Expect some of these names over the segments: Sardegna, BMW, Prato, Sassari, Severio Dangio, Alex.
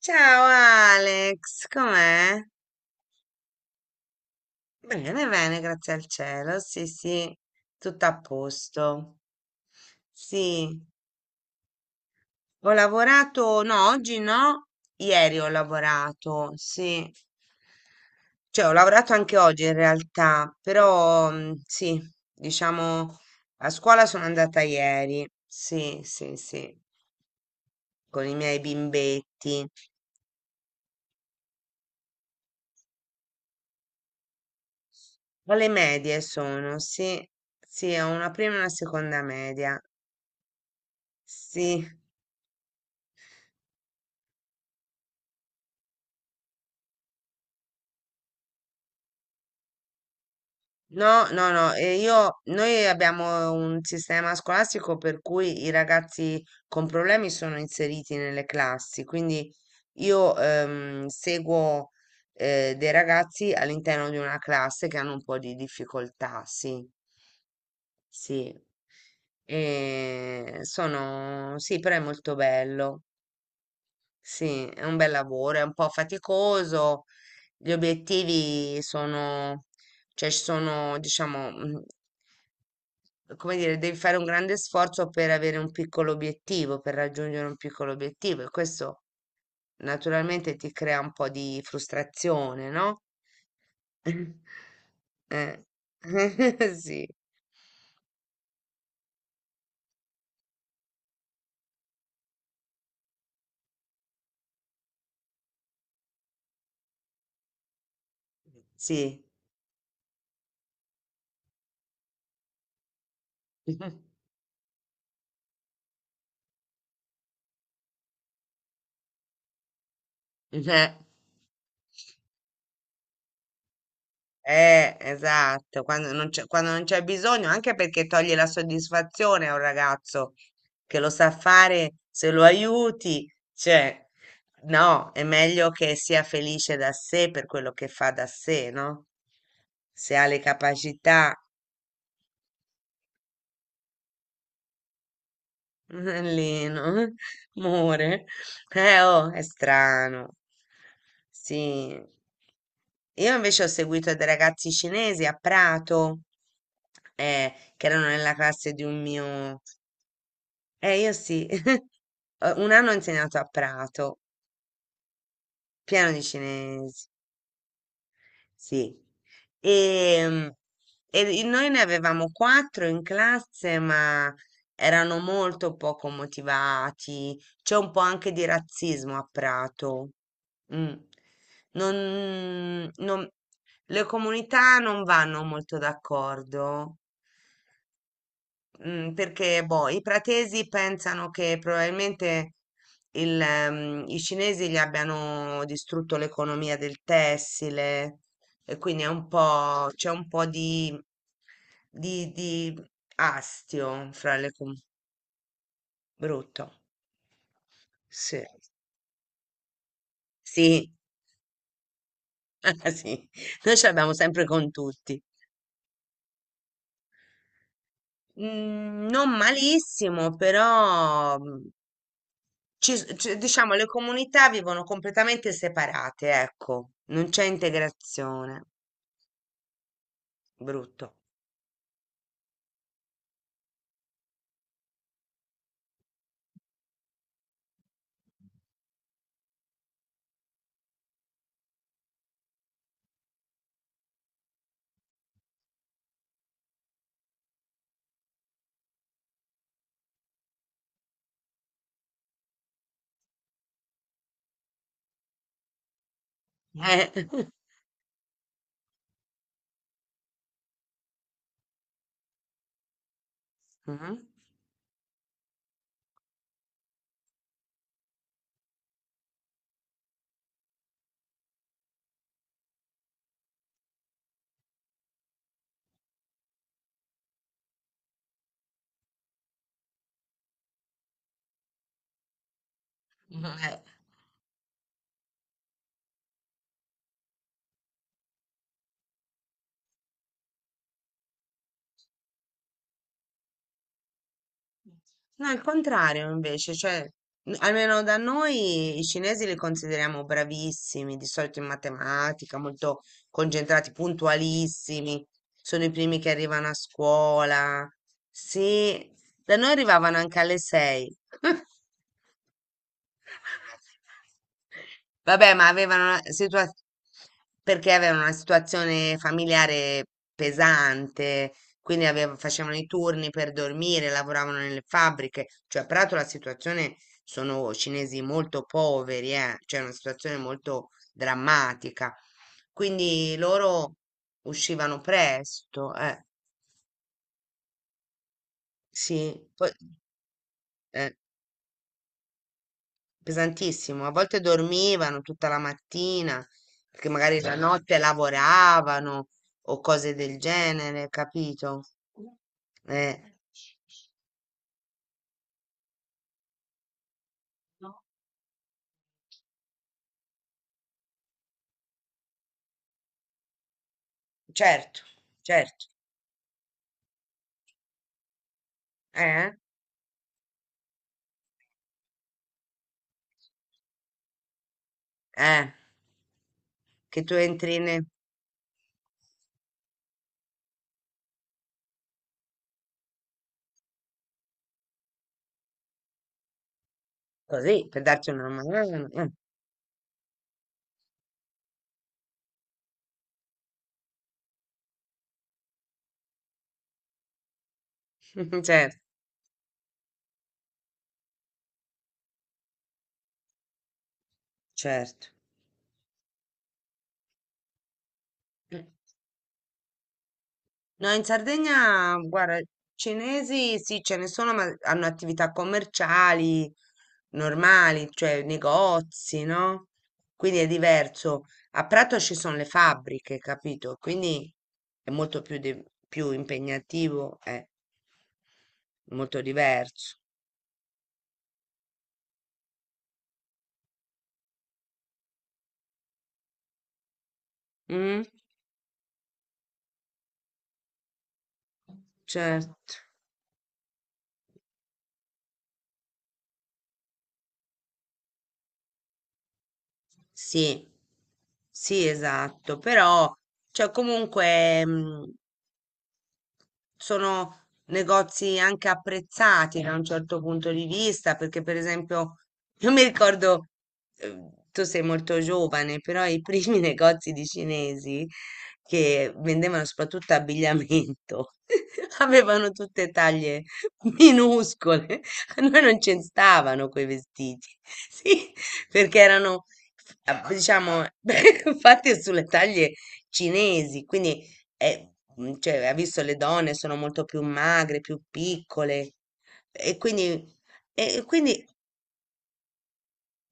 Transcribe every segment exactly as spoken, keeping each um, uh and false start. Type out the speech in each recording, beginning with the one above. Ciao Alex, com'è? Bene, bene, grazie al cielo. Sì, sì, tutto a posto. Sì, ho lavorato, no, oggi no, ieri ho lavorato, sì. Cioè, ho lavorato anche oggi in realtà, però mm, sì, diciamo, a scuola sono andata ieri, sì, sì, sì, con i miei bimbetti. Alle medie sono, sì, sì, ho una prima e una seconda media. Sì, no, no, no, e io, noi abbiamo un sistema scolastico per cui i ragazzi con problemi sono inseriti nelle classi, quindi io ehm, seguo eh, dei ragazzi all'interno di una classe che hanno un po' di difficoltà, sì, sì, e sono, sì, però è molto bello, sì, è un bel lavoro, è un po' faticoso. Gli obiettivi sono, cioè ci sono, diciamo, mm, come dire, devi fare un grande sforzo per avere un piccolo obiettivo, per raggiungere un piccolo obiettivo e questo naturalmente ti crea un po' di frustrazione, no? Eh. Sì, sì. Eh. Eh, esatto, quando non c'è quando non c'è bisogno, anche perché toglie la soddisfazione a un ragazzo che lo sa fare, se lo aiuti, cioè, no, è meglio che sia felice da sé per quello che fa da sé, no? Se ha le capacità, Lino, amore, eh, oh, è strano. Sì, io invece ho seguito dei ragazzi cinesi a Prato, eh, che erano nella classe di un mio... Eh, io sì, eh, un anno ho insegnato a Prato, pieno di cinesi. Sì. E, mm, e noi ne avevamo quattro in classe, ma erano molto poco motivati. C'è un po' anche di razzismo a Prato. Mm. Non, non- le comunità non vanno molto d'accordo. Mm, perché boh, i pratesi pensano che probabilmente il, ehm, i cinesi gli abbiano distrutto l'economia del tessile e quindi è un po', c'è un po' di, di, di astio fra le com- brutto. Sì, sì, ah, sì. Noi ce l'abbiamo sempre con tutti. Mm, non malissimo, però. Mhmm, ci s- ci- diciamo, le comunità vivono completamente separate, ecco, non c'è integrazione, brutto. Eh. Mhm. Eh. No, il contrario invece, cioè, n- almeno da noi i cinesi li consideriamo bravissimi, di solito in matematica, molto concentrati, puntualissimi, sono i primi che arrivano a scuola. Sì, da noi arrivavano anche alle sei. Vabbè, ma avevano una situazione perché avevano una situazione familiare pesante, quindi aveva- facevano i turni per dormire, lavoravano nelle fabbriche, cioè peraltro la situazione sono cinesi molto poveri, eh, cioè una situazione molto drammatica. Quindi loro uscivano presto, eh, sì, poi, eh, pesantissimo. A volte dormivano tutta la mattina, perché magari la Eh, notte lavoravano o cose del genere, capito? Eh, certo, certo. Eh, eh, che tu entri ne- così per darti una mano. Eh, certo, certo. No, in Sardegna, guarda, cinesi sì, ce ne sono, ma hanno attività commerciali normali, cioè negozi, no? Quindi è diverso. A Prato ci sono le fabbriche, capito? Quindi è molto più, di- più impegnativo, è molto diverso. Mm? Certo, sì, sì, esatto, però, cioè, comunque, mm, sono negozi anche apprezzati da un certo punto di vista, perché per esempio, io mi ricordo, eh, tu sei molto giovane, però i primi negozi di cinesi che vendevano soprattutto abbigliamento avevano tutte taglie minuscole, a noi non ci stavano quei vestiti, sì, perché erano, f- a- diciamo, fatti sulle taglie cinesi, quindi eh, mm, cioè, ha visto le donne sono molto più magre, più piccole e quindi, e quindi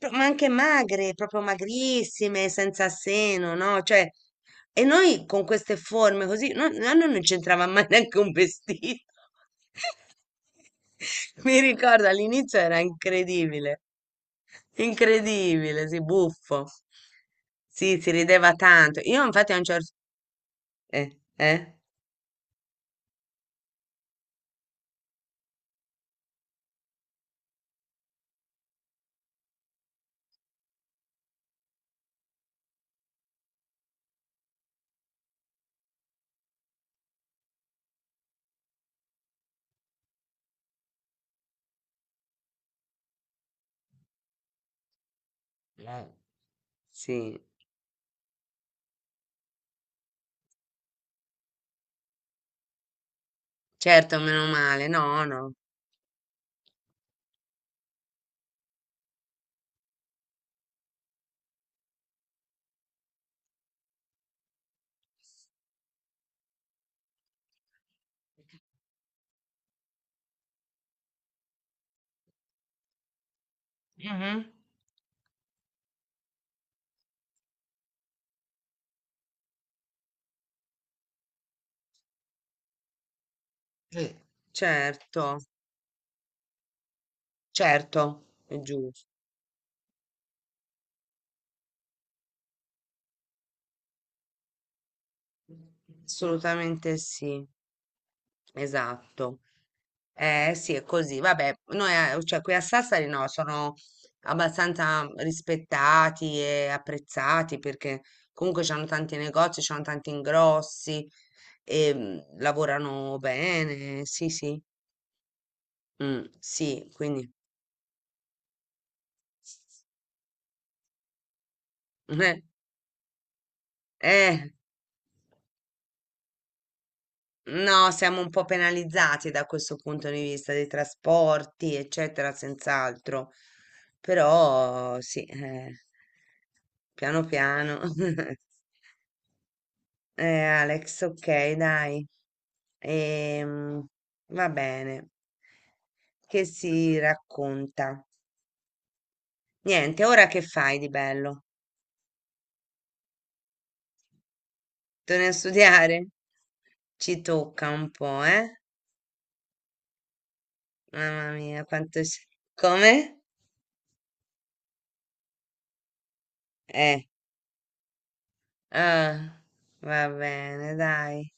pro- ma anche magre, proprio magrissime, senza seno, no? Cioè, e noi con queste forme così, no, no, no, non c'entrava mai neanche un vestito. Mi ricordo all'inizio era incredibile, incredibile, sì, buffo. Sì, si rideva tanto. Io infatti a un certo... Eh, eh? Sì. Certo, meno male, no, no, Mhm. Sì, certo, certo, è giusto, assolutamente sì, esatto. Eh sì, è così, vabbè, noi, a- cioè qui a Sassari no, sono abbastanza rispettati e apprezzati perché comunque c'hanno tanti negozi, c'hanno tanti ingrossi e mm, lavorano bene, sì, sì, mm, sì, quindi, eh, no, siamo un po' penalizzati da questo punto di vista dei trasporti, eccetera, senz'altro. Però sì, eh, piano piano. Eh, Alex, ok, dai. Ehm, va bene. Che si racconta? Niente, ora che fai di bello? Torni a studiare? Ci tocca un po', eh? Mamma mia, quanto... si- Come? Eh. Ah, va bene, dai.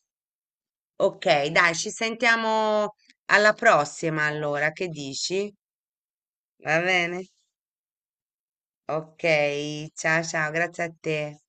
Ok, dai, ci sentiamo alla prossima allora, che dici? Va bene? Ok, ciao ciao, grazie a te.